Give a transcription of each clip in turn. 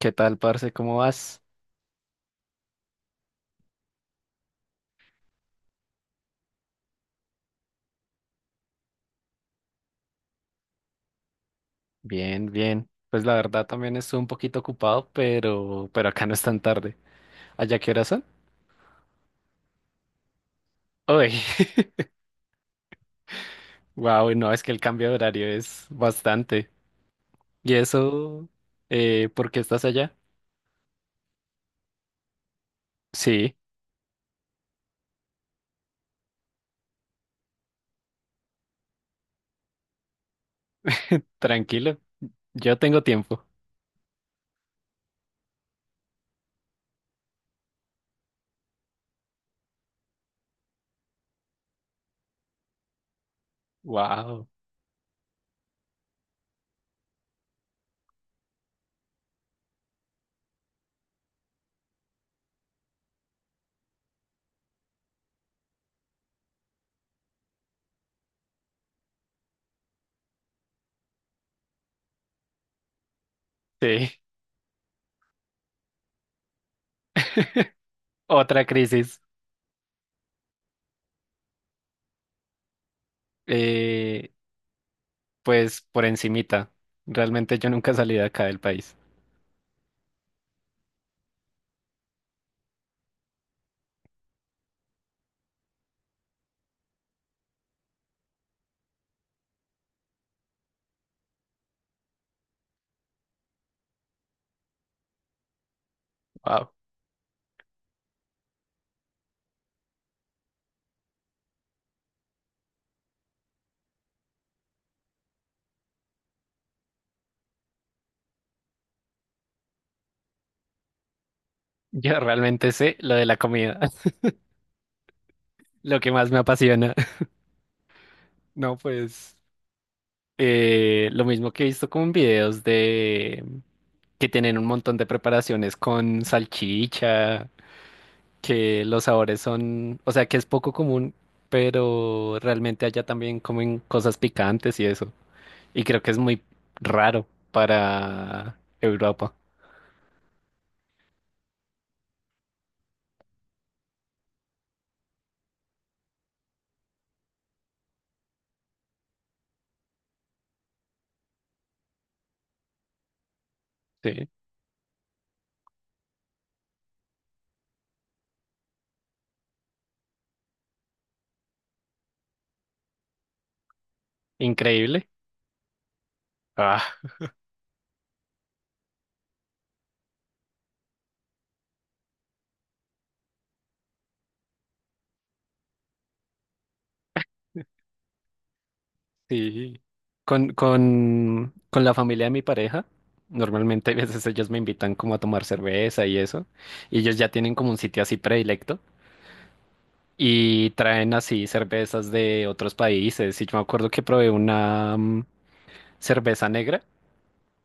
¿Qué tal, parce? ¿Cómo vas? Bien, bien. Pues la verdad también estuve un poquito ocupado, pero acá no es tan tarde. ¿Allá qué horas son? Uy, wow, no, es que el cambio de horario es bastante. ¿Y eso? ¿Por qué estás allá? Sí, tranquilo. Yo tengo tiempo. Wow. Sí. Otra crisis. Eh, pues por encimita. Realmente yo nunca salí de acá del país. Wow. Yo realmente sé lo de la comida, lo que más me apasiona. No, pues lo mismo que he visto como en videos de que tienen un montón de preparaciones con salchicha, que los sabores son, o sea, que es poco común, pero realmente allá también comen cosas picantes y eso. Y creo que es muy raro para Europa. Sí, increíble. Ah. Sí. Con la familia de mi pareja, normalmente a veces ellos me invitan como a tomar cerveza y eso, y ellos ya tienen como un sitio así predilecto y traen así cervezas de otros países. Y yo me acuerdo que probé una cerveza negra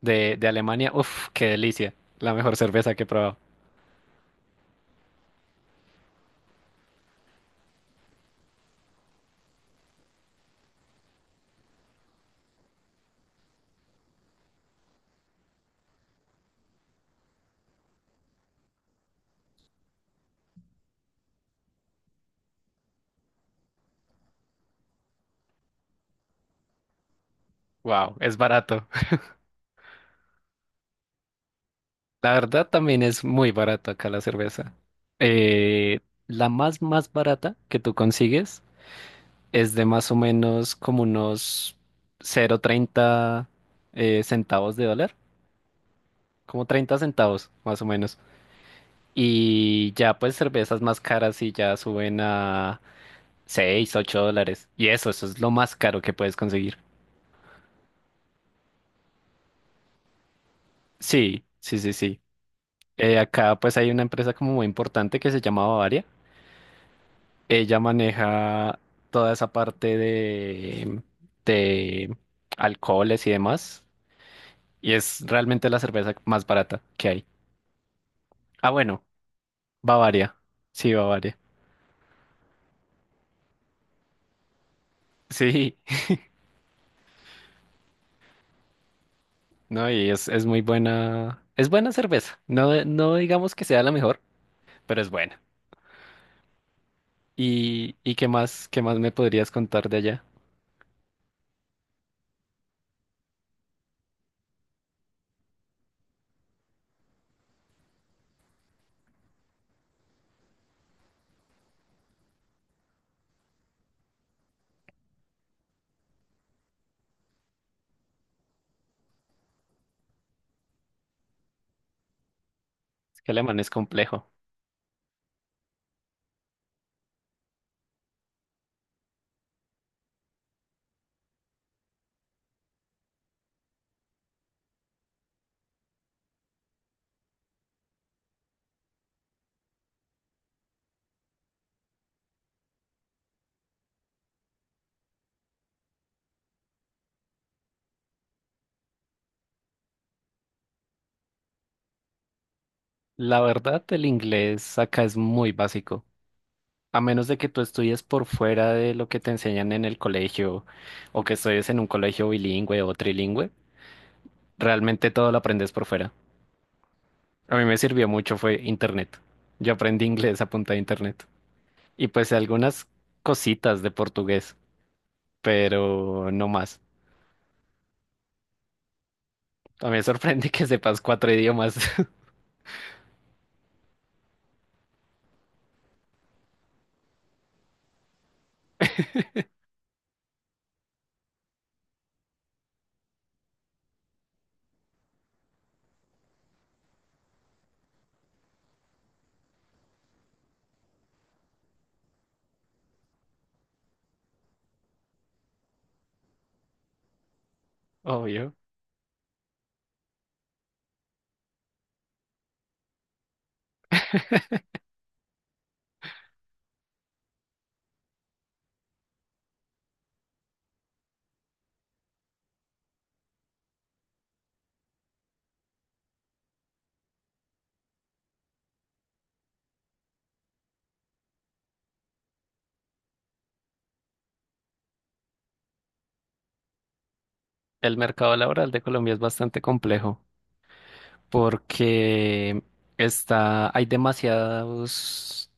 de Alemania. Uf, qué delicia. La mejor cerveza que he probado. Wow, es barato. La verdad también es muy barato acá la cerveza. Eh, la más barata que tú consigues es de más o menos como unos 0,30 centavos de dólar, como 30 centavos más o menos. Y ya pues cervezas más caras y ya suben a 6 8 dólares. Y eso es lo más caro que puedes conseguir. Sí, sí, sí, sí. Acá pues hay una empresa como muy importante que se llama Bavaria. Ella maneja toda esa parte de alcoholes y demás. Y es realmente la cerveza más barata que hay. Ah, bueno, Bavaria. Sí, Bavaria. Sí, no, y es muy buena. Es buena cerveza. No, no digamos que sea la mejor, pero es buena. ¿Y qué más me podrías contar de allá? Es que el alemán es complejo. La verdad, el inglés acá es muy básico. A menos de que tú estudies por fuera de lo que te enseñan en el colegio, o que estudies en un colegio bilingüe o trilingüe, realmente todo lo aprendes por fuera. A mí me sirvió mucho fue internet. Yo aprendí inglés a punta de internet. Y pues algunas cositas de portugués, pero no más. A mí me sorprende que sepas cuatro idiomas, obvio. El mercado laboral de Colombia es bastante complejo porque está, hay demasiados,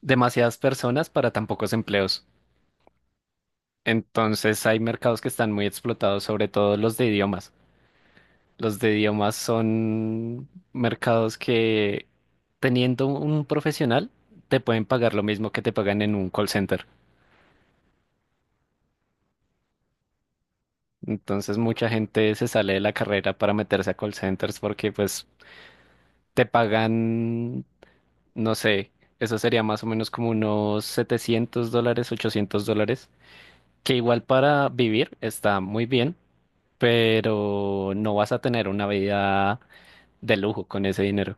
demasiadas personas para tan pocos empleos. Entonces hay mercados que están muy explotados, sobre todo los de idiomas. Los de idiomas son mercados que teniendo un profesional te pueden pagar lo mismo que te pagan en un call center. Entonces mucha gente se sale de la carrera para meterse a call centers porque pues te pagan, no sé, eso sería más o menos como unos $700, $800, que igual para vivir está muy bien, pero no vas a tener una vida de lujo con ese dinero.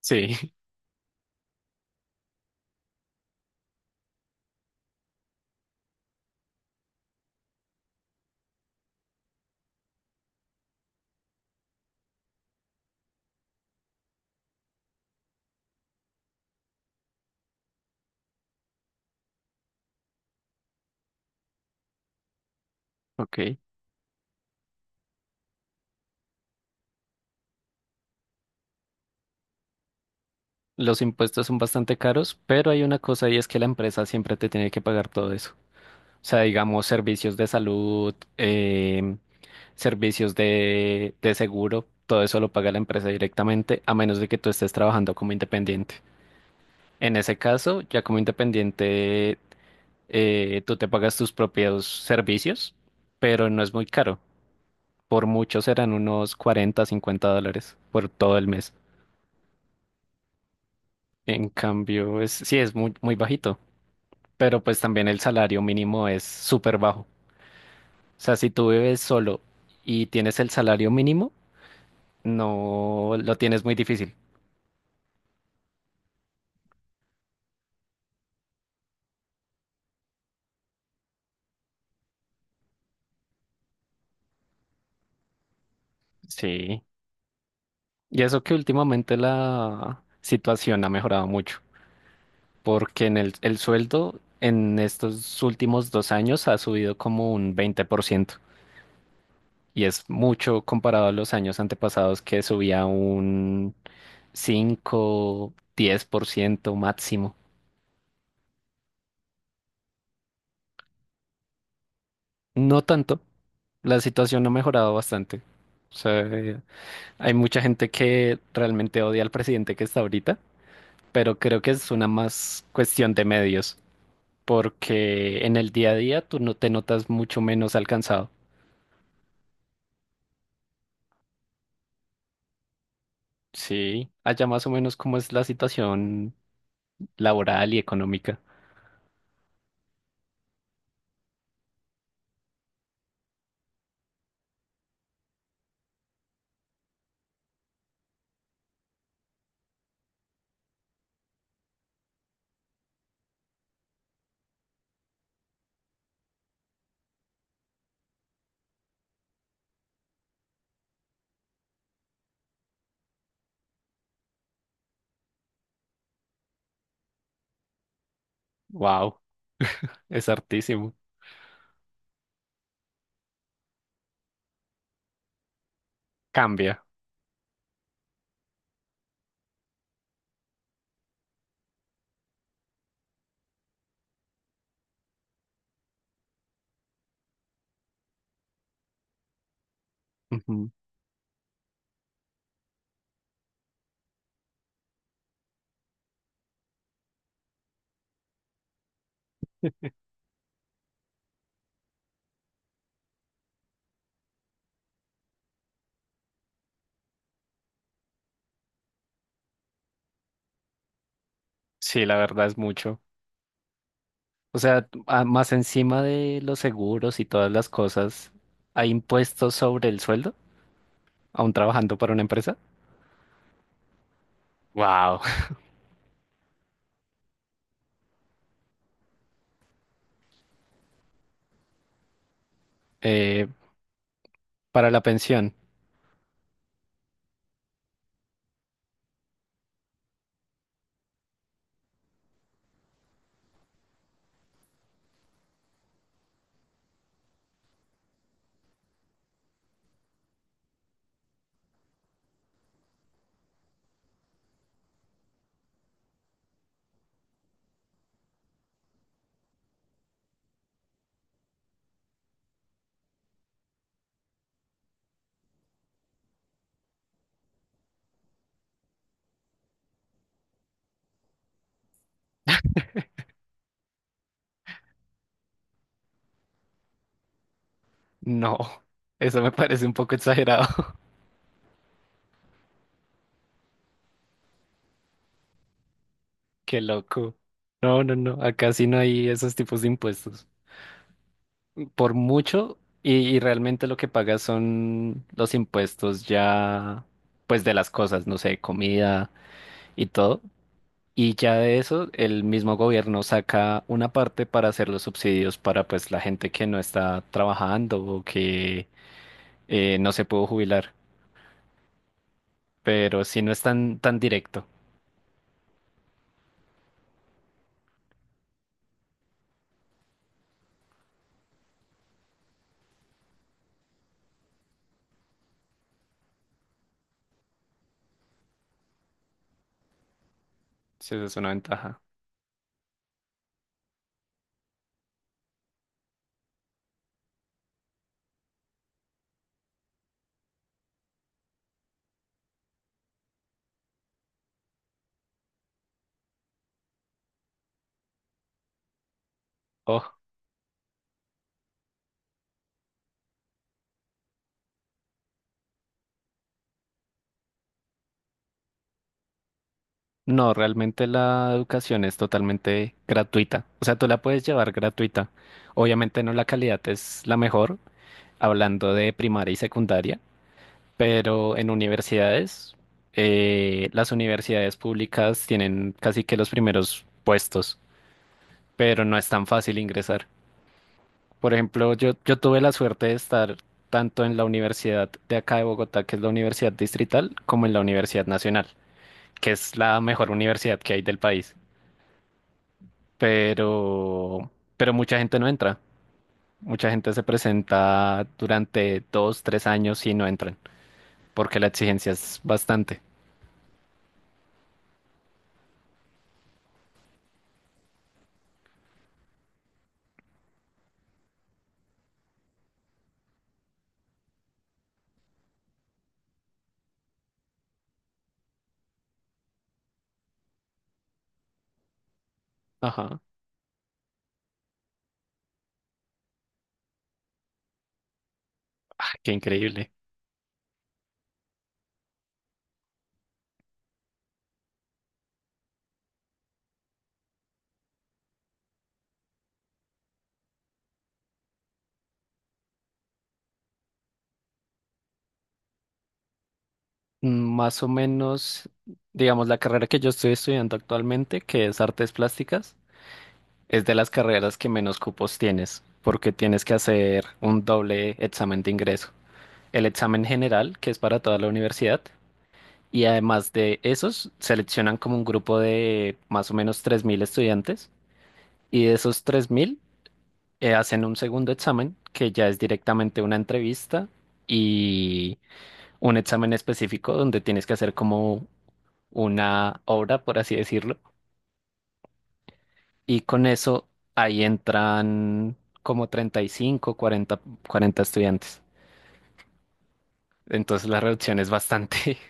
Sí, ok. Los impuestos son bastante caros, pero hay una cosa y es que la empresa siempre te tiene que pagar todo eso. O sea, digamos, servicios de salud, servicios de seguro, todo eso lo paga la empresa directamente, a menos de que tú estés trabajando como independiente. En ese caso, ya como independiente, tú te pagas tus propios servicios, pero no es muy caro. Por mucho serán unos $40, $50 por todo el mes. En cambio, es, sí, es muy, muy bajito, pero pues también el salario mínimo es súper bajo. O sea, si tú vives solo y tienes el salario mínimo, no lo tienes muy difícil. Sí. Y eso que últimamente la situación ha mejorado mucho, porque en el sueldo en estos últimos 2 años ha subido como un 20% y es mucho comparado a los años antepasados que subía un 5, 10% máximo. No tanto, la situación ha mejorado bastante. O sea, hay mucha gente que realmente odia al presidente que está ahorita, pero creo que es una más cuestión de medios, porque en el día a día tú no te notas mucho menos alcanzado. Sí, allá más o menos cómo es la situación laboral y económica. Wow, es hartísimo. Cambia. Ujú. Sí, la verdad es mucho. O sea, más encima de los seguros y todas las cosas, ¿hay impuestos sobre el sueldo? ¿Aún trabajando para una empresa? Wow. Eh, para la pensión, no. Eso me parece un poco exagerado. Qué loco. No, no, no. Acá sí no hay esos tipos de impuestos. Por mucho, y realmente lo que pagas son los impuestos ya, pues de las cosas, no sé, comida y todo. Y ya de eso, el mismo gobierno saca una parte para hacer los subsidios para pues la gente que no está trabajando o que no se pudo jubilar. Pero sí no es tan, tan directo. Sí, esa es una ventaja. Oh. No, realmente la educación es totalmente gratuita. O sea, tú la puedes llevar gratuita. Obviamente no la calidad es la mejor, hablando de primaria y secundaria, pero en universidades, las universidades públicas tienen casi que los primeros puestos, pero no es tan fácil ingresar. Por ejemplo, yo tuve la suerte de estar tanto en la universidad de acá de Bogotá, que es la Universidad Distrital, como en la Universidad Nacional, que es la mejor universidad que hay del país. pero, pero mucha gente no entra. Mucha gente se presenta durante 2, 3 años y no entran, porque la exigencia es bastante. Ajá. Ah, qué increíble. Más o menos, digamos, la carrera que yo estoy estudiando actualmente, que es artes plásticas, es de las carreras que menos cupos tienes, porque tienes que hacer un doble examen de ingreso. El examen general, que es para toda la universidad, y además de esos, seleccionan como un grupo de más o menos 3.000 estudiantes y de esos 3.000 hacen un segundo examen que ya es directamente una entrevista y un examen específico donde tienes que hacer como una obra, por así decirlo. Y con eso ahí entran como 35 cuarenta estudiantes. Entonces la reducción es bastante.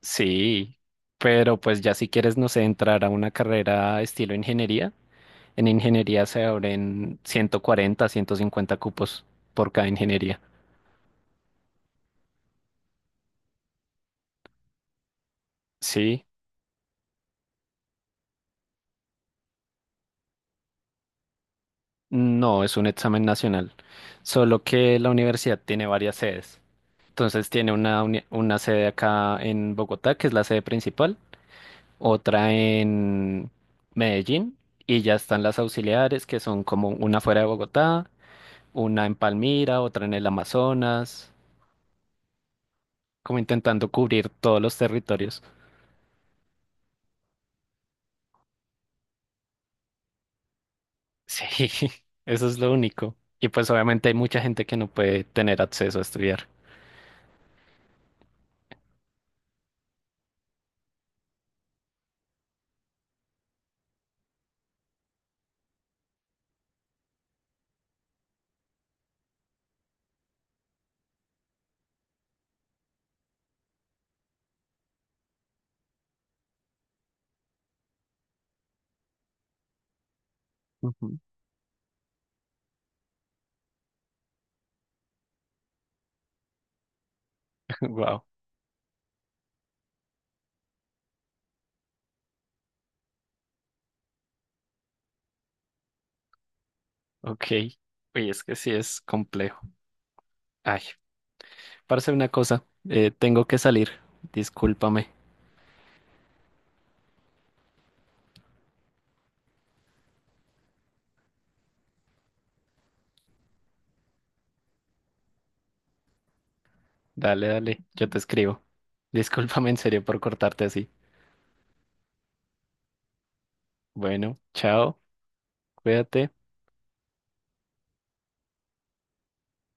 Sí, pero pues ya si quieres, no sé, entrar a una carrera estilo ingeniería. En ingeniería se abren 140, 150 cupos por cada ingeniería. Sí, no, es un examen nacional, solo que la universidad tiene varias sedes. Entonces tiene una sede acá en Bogotá, que es la sede principal, otra en Medellín, y ya están las auxiliares, que son como una fuera de Bogotá, una en Palmira, otra en el Amazonas, como intentando cubrir todos los territorios. Sí, eso es lo único. Y pues obviamente hay mucha gente que no puede tener acceso a estudiar. Ujú. Wow, ok. Oye, es que sí es complejo. Ay, para hacer una cosa, tengo que salir. Discúlpame. Dale, dale, yo te escribo. Discúlpame en serio por cortarte así. Bueno, chao, cuídate.